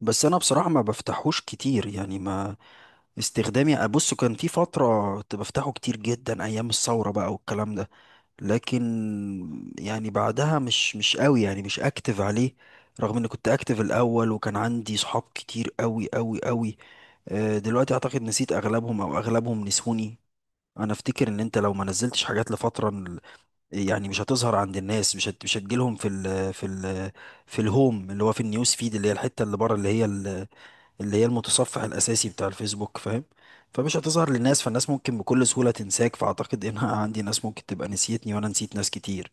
بس انا بصراحه ما بفتحوش كتير، يعني ما استخدامي. ابص كان في فتره كنت بفتحه كتير جدا ايام الثوره بقى والكلام ده، لكن يعني بعدها مش قوي، يعني مش اكتف عليه، رغم اني كنت اكتف الاول وكان عندي صحاب كتير قوي قوي قوي. آه، دلوقتي اعتقد نسيت اغلبهم او اغلبهم نسوني. انا افتكر ان انت لو ما نزلتش حاجات لفتره يعني مش هتظهر عند الناس، مش هتجيلهم في ال في ال في الهوم اللي هو في النيوز فيد، اللي هي الحته اللي بره، اللي هي المتصفح الاساسي بتاع الفيسبوك، فاهم؟ فمش هتظهر للناس، فالناس ممكن بكل سهولة تنساك، فاعتقد ان انا عندي ناس ممكن تبقى نسيتني وانا نسيت ناس كتير.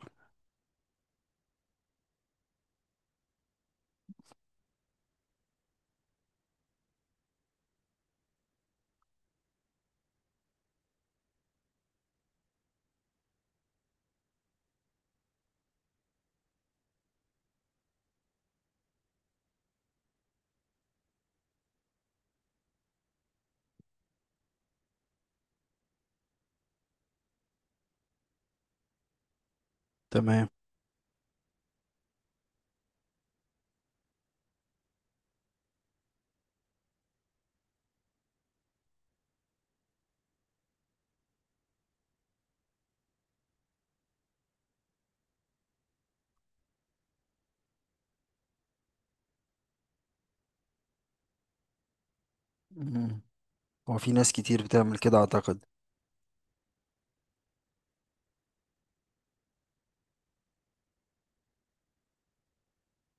تمام. مم. هو في ناس كتير بتعمل كده اعتقد.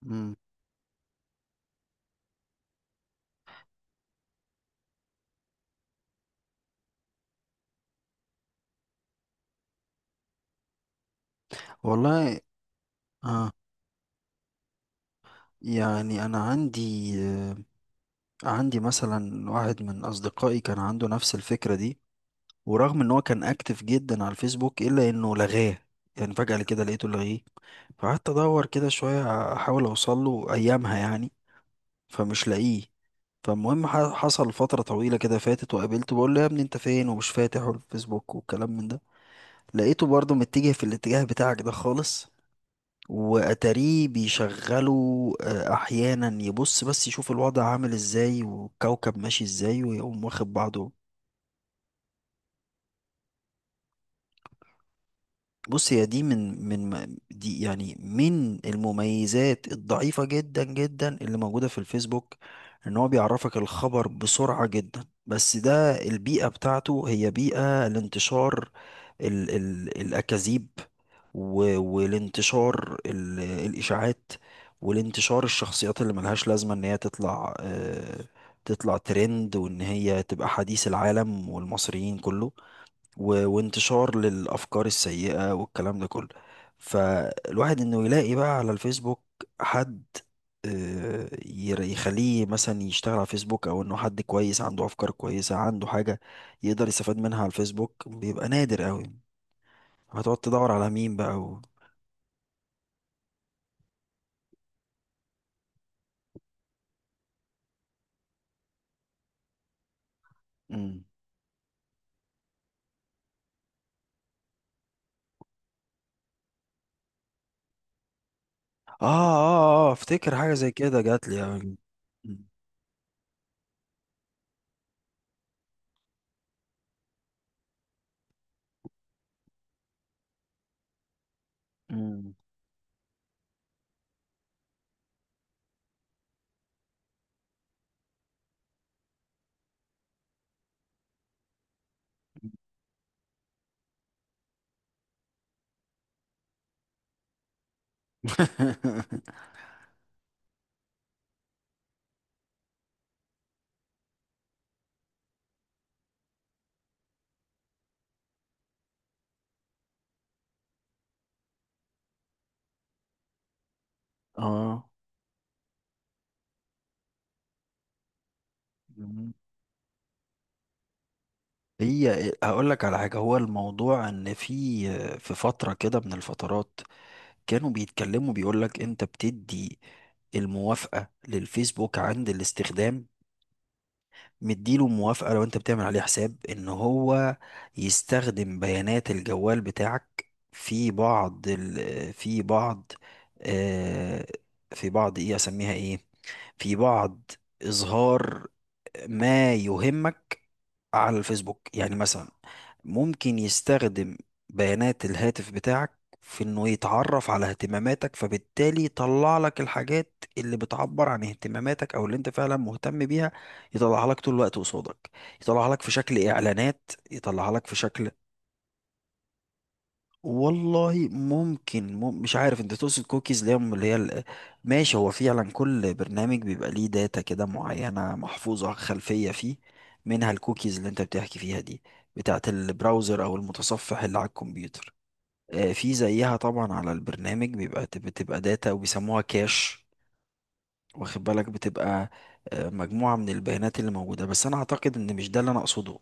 مم. والله. اه، يعني انا عندي آه، عندي مثلا واحد من اصدقائي كان عنده نفس الفكرة دي، ورغم ان هو كان اكتف جدا على الفيسبوك الا انه لغاه. يعني فجأة كده لقيته لغيه، فقعدت ادور كده شوية احاول اوصل له ايامها يعني، فمش لاقيه. فالمهم حصل فترة طويلة كده فاتت وقابلته بقول له يا ابني انت فين ومش فاتح الفيسبوك والكلام من ده. لقيته برضه متجه في الاتجاه بتاعك ده خالص، واتاريه بيشغله آه، احيانا يبص بس يشوف الوضع عامل ازاي والكوكب ماشي ازاي ويقوم واخد بعضه. بص، هي دي دي يعني من المميزات الضعيفة جدا جدا اللي موجودة في الفيسبوك، ان هو بيعرفك الخبر بسرعة جدا، بس ده البيئة بتاعته هي بيئة لانتشار ال ال الأكاذيب، والانتشار الإشاعات، والانتشار الشخصيات اللي ملهاش لازمة ان هي تطلع، آه، تطلع ترند وان هي تبقى حديث العالم والمصريين كله، وانتشار للأفكار السيئة والكلام ده كله. فالواحد إنه يلاقي بقى على الفيسبوك حد آه، يخليه مثلا يشتغل على فيسبوك، أو إنه حد كويس عنده أفكار كويسة عنده حاجة يقدر يستفاد منها على الفيسبوك، بيبقى نادر قوي. هتقعد تدور على مين بقى و... مم. آه، أفتكر حاجة زي كده جات لي يعني. مم. مم. آه. هي هقول لك على حاجة. هو الموضوع ان في آه، في فترة كده من الفترات كانوا بيتكلموا، بيقول لك انت بتدي الموافقة للفيسبوك عند الاستخدام، مديله موافقة لو انت بتعمل عليه حساب ان هو يستخدم بيانات الجوال بتاعك في بعض ال في بعض آه في بعض ايه اسميها ايه، في بعض اظهار ما يهمك على الفيسبوك. يعني مثلا ممكن يستخدم بيانات الهاتف بتاعك في انه يتعرف على اهتماماتك، فبالتالي يطلع لك الحاجات اللي بتعبر عن اهتماماتك او اللي انت فعلا مهتم بيها، يطلعها لك طول الوقت قصادك، يطلعها لك في شكل اعلانات، يطلعها لك في شكل... والله ممكن، مش عارف انت تقصد كوكيز اللي هي ال-. ماشي، هو فعلا كل برنامج بيبقى ليه داتا كده معينة محفوظة خلفية فيه، منها الكوكيز اللي انت بتحكي فيها دي، بتاعت البراوزر او المتصفح اللي على الكمبيوتر. آه، في زيها طبعا على البرنامج بيبقى داتا وبيسموها كاش، واخد بالك؟ بتبقى آه، مجموعة من البيانات اللي موجودة، بس انا اعتقد ان مش ده اللي انا اقصده.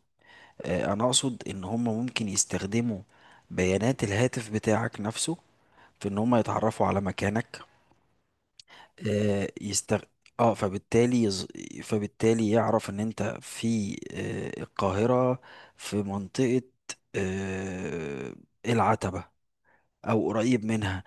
آه، انا اقصد ان هم ممكن يستخدموا بيانات الهاتف بتاعك نفسه في ان هم يتعرفوا على مكانك. آه يستغ... اه فبالتالي فبالتالي يعرف ان انت في آه القاهرة، في منطقة آه العتبة، او قريب منها.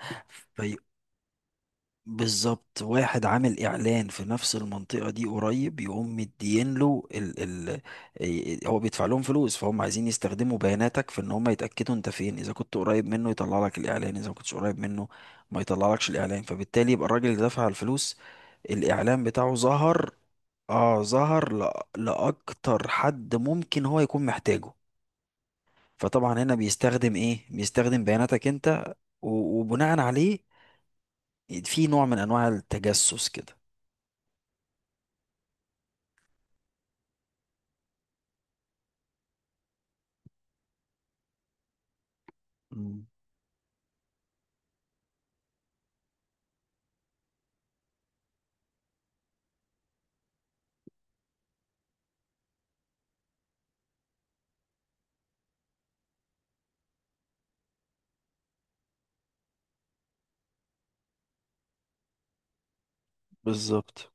بالظبط، واحد عامل اعلان في نفس المنطقه دي قريب، يقوم مدين له ال ال إيه، هو بيدفع لهم فلوس، فهم عايزين يستخدموا بياناتك في ان هم يتاكدوا انت فين، اذا كنت قريب منه يطلع لك الاعلان، اذا ما كنتش قريب منه ما يطلع لكش الاعلان، فبالتالي يبقى الراجل اللي دفع الفلوس الاعلان بتاعه ظهر. اه، ظهر لاكتر حد ممكن هو يكون محتاجه. فطبعا هنا بيستخدم ايه، بيستخدم بياناتك انت، وبناء عليه في نوع من انواع التجسس كده. مم. بالظبط.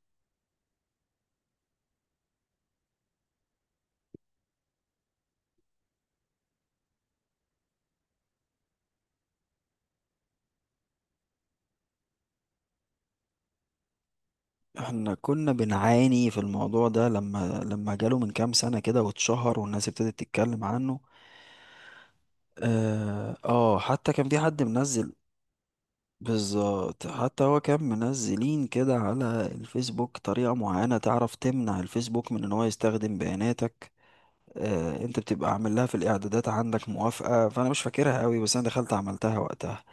احنا كنا بنعاني في الموضوع ده، لما جاله من كام سنة كده واتشهر والناس ابتدت تتكلم عنه. اه، آه، حتى كان في حد منزل. بالظبط، حتى هو كان منزلين كده على الفيسبوك طريقة معينة تعرف تمنع الفيسبوك من ان هو يستخدم بياناتك. آه، انت بتبقى عامل لها في الاعدادات عندك موافقة، فانا مش فاكرها قوي بس انا دخلت عملتها وقتها.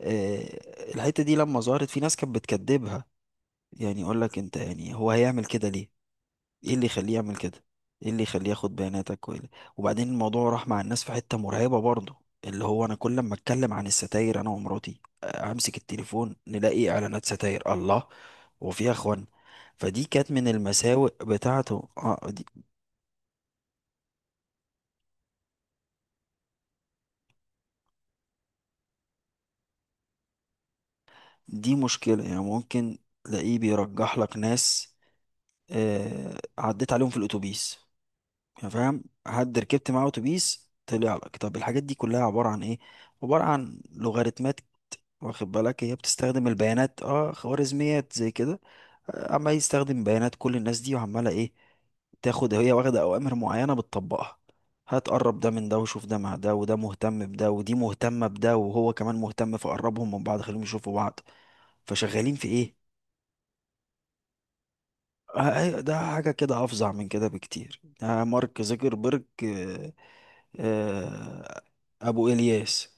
آه، الحتة دي لما ظهرت في ناس كانت بتكدبها، يعني يقول لك انت، يعني هو هيعمل كده ليه؟ ايه اللي يخليه يعمل كده؟ ايه اللي يخليه ياخد بياناتك؟ وبعدين الموضوع راح مع الناس في حتة مرعبة برضه، اللي هو انا كل ما اتكلم عن الستاير انا ومراتي آه، امسك التليفون نلاقي اعلانات ستاير. الله! وفيها اخوان. فدي كانت من المساوئ بتاعته اه دي مشكلة. يعني ممكن تلاقيه بيرجح لك ناس آه عديت عليهم في الاتوبيس. يعني فاهم؟ حد ركبت معاه اتوبيس طلع لك. طب الحاجات دي كلها عبارة عن ايه؟ عبارة عن لوغاريتمات، واخد بالك؟ هي بتستخدم البيانات، اه خوارزميات زي كده. آه، عمال يستخدم بيانات كل الناس دي وعمالة ايه، تاخد هي واخدة أوامر معينة بتطبقها، هتقرب ده من ده وشوف ده مع ده، وده مهتم بده ودي مهتمة بده وهو كمان مهتم، فقربهم من بعض خليهم يشوفوا بعض. فشغالين في ايه. آه، أيوة، ده حاجة كده أفظع من كده بكتير. ده مارك زوكربيرج آه، آه، أبو إلياس.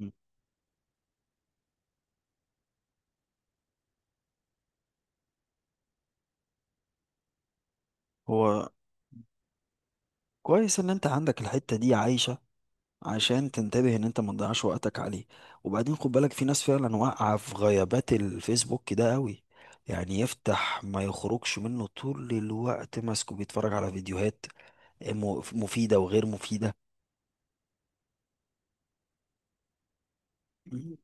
مم. هو كويس إن أنت عندك الحتة دي عايشة عشان تنتبه ان انت ما تضيعش وقتك عليه. وبعدين خد بالك في ناس فعلا واقعة في غيابات الفيسبوك ده قوي، يعني يفتح ما يخرجش منه طول الوقت ماسكه بيتفرج على فيديوهات مفيدة وغير مفيدة. مم.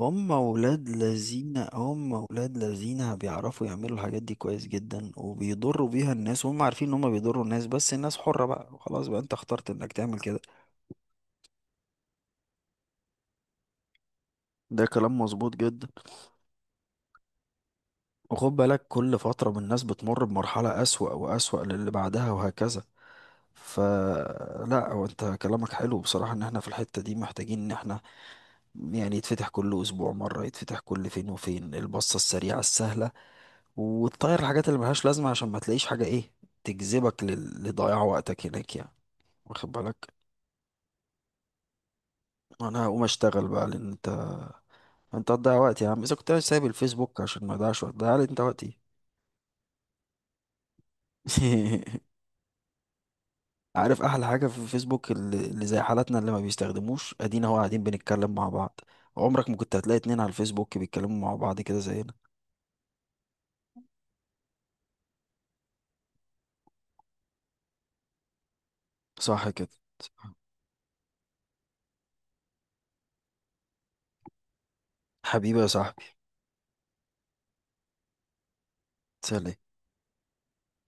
هم ولاد لذين بيعرفوا يعملوا الحاجات دي كويس جدا وبيضروا بيها الناس، وهم عارفين ان هم بيضروا الناس، بس الناس حرة بقى، خلاص بقى انت اخترت انك تعمل كده. ده كلام مظبوط جدا. وخد بالك كل فترة من الناس بتمر بمرحلة أسوأ وأسوأ للي بعدها وهكذا. فلا، هو انت كلامك حلو بصراحة، ان احنا في الحتة دي محتاجين ان احنا يعني يتفتح كل اسبوع مرة، يتفتح كل فين وفين البصة السريعة السهلة، وتطير الحاجات اللي ملهاش لازمة عشان ما تلاقيش حاجة ايه تجذبك لضياع وقتك هناك يعني، واخد بالك. انا هقوم اشتغل بقى لان انت، انت هتضيع وقتي يا عم، اذا كنت سايب الفيسبوك عشان ما اضيعش وقت، ضيع لي انت وقتي. عارف احلى حاجه في فيسبوك اللي زي حالاتنا اللي ما بيستخدموش، ادينا هو قاعدين بنتكلم مع بعض. عمرك ما كنت هتلاقي اتنين على الفيسبوك بيتكلموا مع بعض كده زينا. صح كده؟ حبيبي يا صاحبي. سلام.